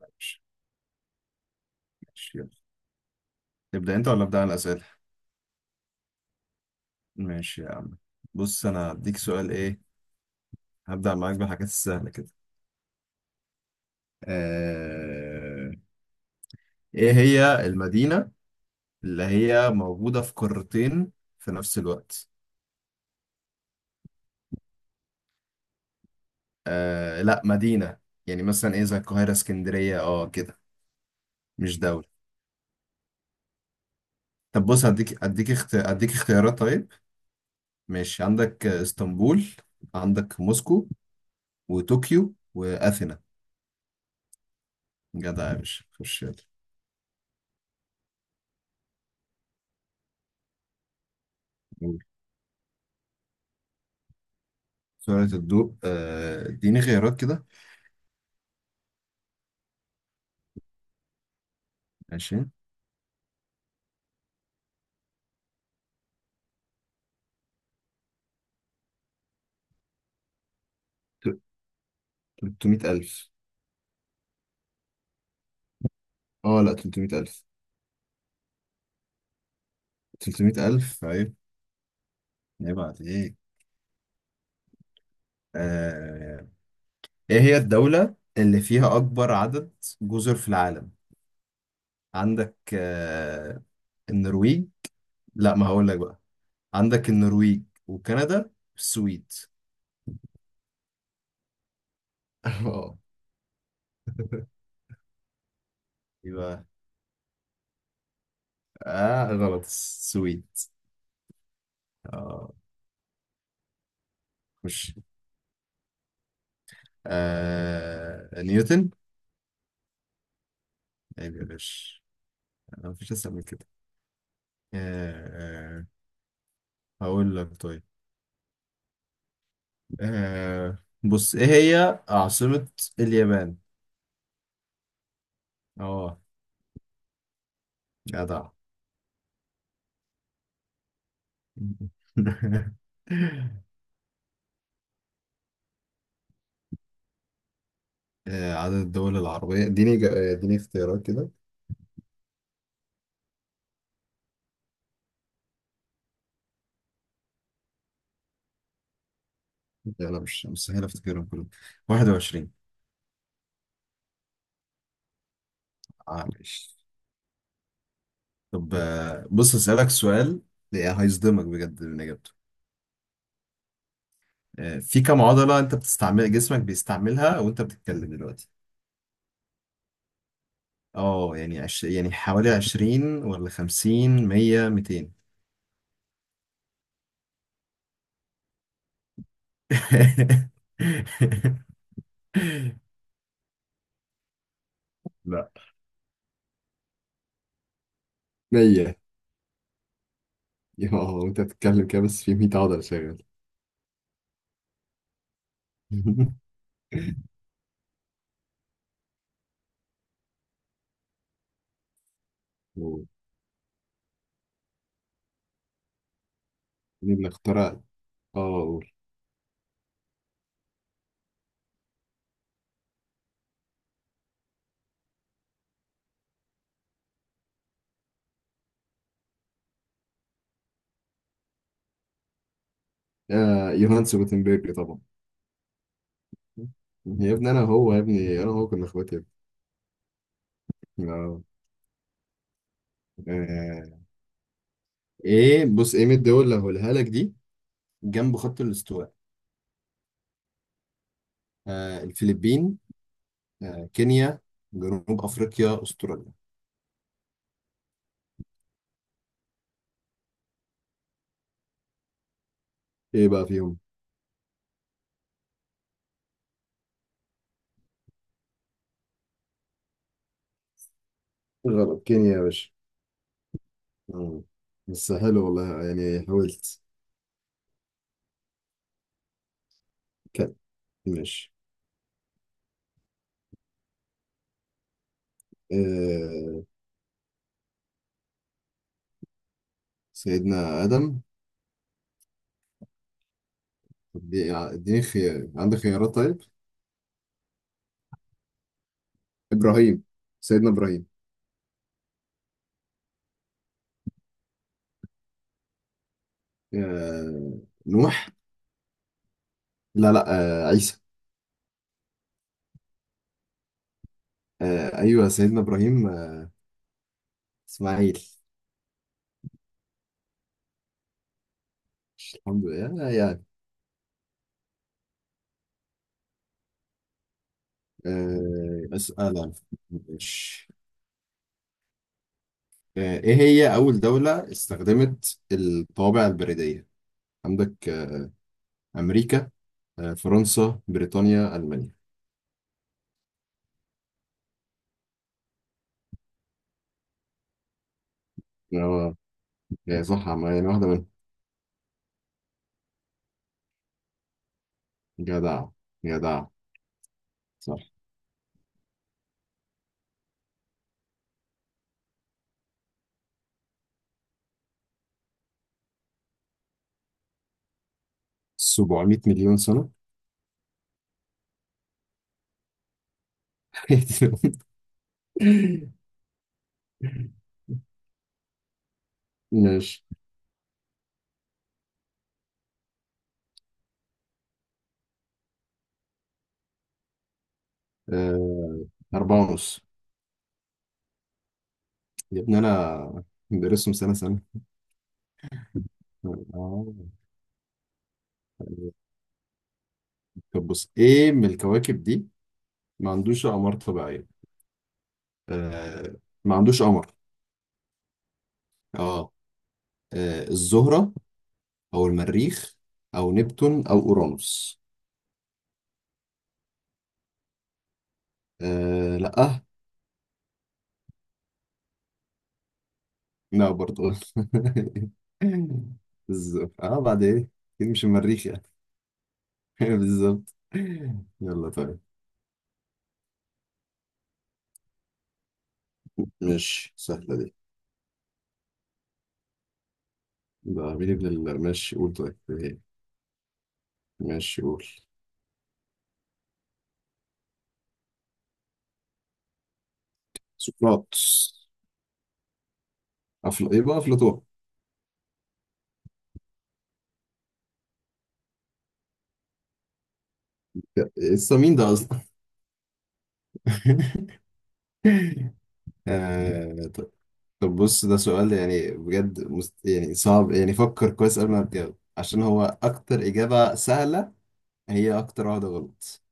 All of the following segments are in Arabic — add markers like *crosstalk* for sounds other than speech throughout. ماشي ماشي، يلا. نبدأ أنت ولا أبدأ أنا الأسئلة؟ ماشي يا عم. بص أنا هديك سؤال إيه. هبدأ معاك بالحاجات السهلة كده. آه... إيه هي المدينة اللي هي موجودة في قارتين في نفس الوقت؟ لا مدينة، يعني مثلا إيه زي القاهرة، اسكندرية، كده. مش دولة. طب بص، هديك اختيارات طيب. ماشي، عندك اسطنبول، عندك موسكو وطوكيو وأثينا. جدع يا باشا، خش يلا. سرعة الضوء، اديني خيارات كده. عشان 300 ألف. اه، لا، 300 ألف. 300 ألف، عيب. عيب عليك. آه، ايه هي الدولة اللي فيها أكبر عدد جزر في العالم؟ عندك النرويج. لا، ما هقول لك بقى. عندك النرويج وكندا والسويد. *laughs* اه. يبقى اه، غلط، السويد. اه، خش. نيوتن. عيب يا باشا، مفيش أسهل من كده. آه، هقول لك طيب. آه، بص، ايه هي عاصمة اليابان؟ اه. جدع. *laughs* عدد الدول العربية، اديني اديني اختيارات كده. لا، لا، مش مستحيل افتكرهم كلهم. 21. معلش. طب بص، اسألك سؤال هيصدمك بجد من اجابته. في كم عضلة انت بتستعمل، جسمك بيستعملها وانت بتتكلم دلوقتي؟ اه، يعني حوالي 20 ولا 50، 100، 200. *laughs* لا، مية. اه، انت بتتكلم كده بس في 100 عضلة شغال. *laughs* مين اللي اخترع؟ اه، قول. يوهانس جوتنبرج، طبعا. يا ابني انا هو كنا اخواتي يا ابني. آه. ايه، بص من الدول اللي هقولها لك دي جنب خط الاستواء. الفلبين، كينيا، جنوب افريقيا، استراليا. ايه بقى فيهم؟ غلط، كينيا يا باشا. مم. بس حلو والله، يعني حاولت. ماشي. آه سيدنا آدم. طب اديني خيار، عندك خيارات طيب. إبراهيم. سيدنا إبراهيم. آه نوح. لا، لا. عيسى. أيوه، سيدنا إبراهيم. إسماعيل. الحمد لله. يعني. أسأل أنا. ماشي. إيه هي أول دولة استخدمت الطوابع البريدية؟ عندك أمريكا، فرنسا، بريطانيا، ألمانيا. آه هي صح، ما يعني واحدة منهم. جدع، جدع، صح. 700 مليون سنة. *laughs* ماشي. آه، أربعة ونص. يا ابني أنا بدرسهم سنة سنة. آه. طب بص، إيه من الكواكب دي ما عندوش أقمار طبيعية؟ آه. ما عندوش قمر. آه. الزهرة أو المريخ أو نبتون أو أورانوس. لأ. لا، برضه. *laughs* الزهرة، بعد إيه. أكيد مش المريخ يعني. *laughs* بالظبط. يلا طيب. ماشي، سهلة دي. ده عميل ماشي قول طيب إيه؟ ماشي قول. سقراطس. يبقى أفلاطون. لسه مين ده أصلا؟ *laughs* طب. بص، ده سؤال يعني بجد يعني صعب، يعني فكر كويس قبل ما تجاوب، عشان هو أكتر إجابة سهلة هي أكتر واحدة غلط.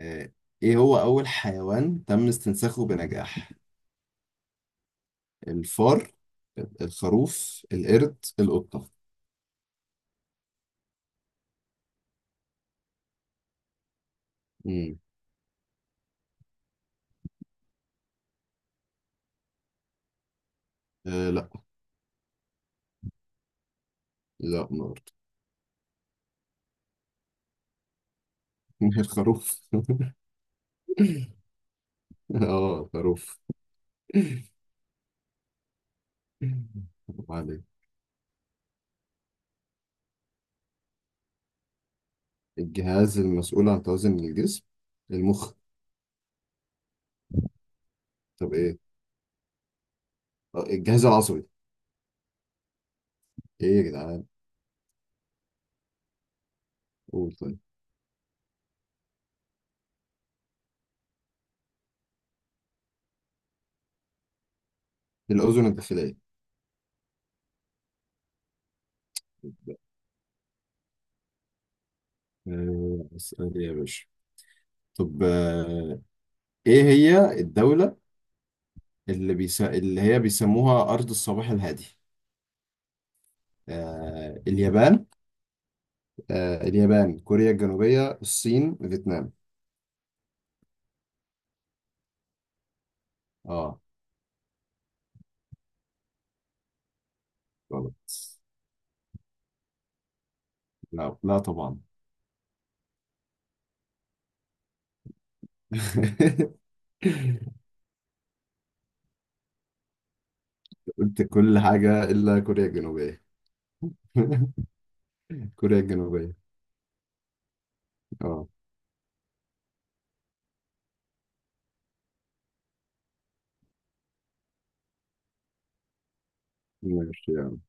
آه... إيه هو أول حيوان تم استنساخه بنجاح؟ الفار، الخروف، القرد، القطة. مم. لا. لا، ما أعرف. *laughs* الخروف. *laughs* اه، خروف. طب عليك. الجهاز المسؤول عن توازن الجسم. المخ. طب ايه؟ الجهاز العصبي. ايه يا جدعان؟ قول طيب. الأذن الداخلية. اسأل يا باشا. طب ايه هي الدولة اللي هي بيسموها أرض الصباح الهادي؟ اليابان. اليابان، كوريا الجنوبية، الصين، فيتنام. اه، غلط. لا، لا، طبعا. *laughs* قلت كل حاجة إلا كوريا الجنوبية. *laughs* كوريا الجنوبية. اه. ماشي يعني.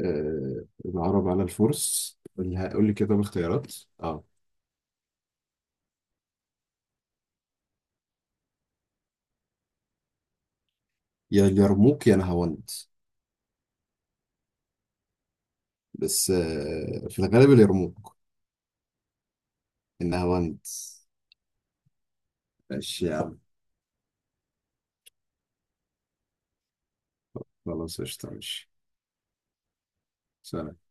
العرب على الفرس، اللي هقول لي كده باختيارات. اه. يا اليرموك يا نهاوند. بس في الغالب اليرموك. النهاوند. ماشي يا عم. خلاص، قشطة، ماشي. سلام.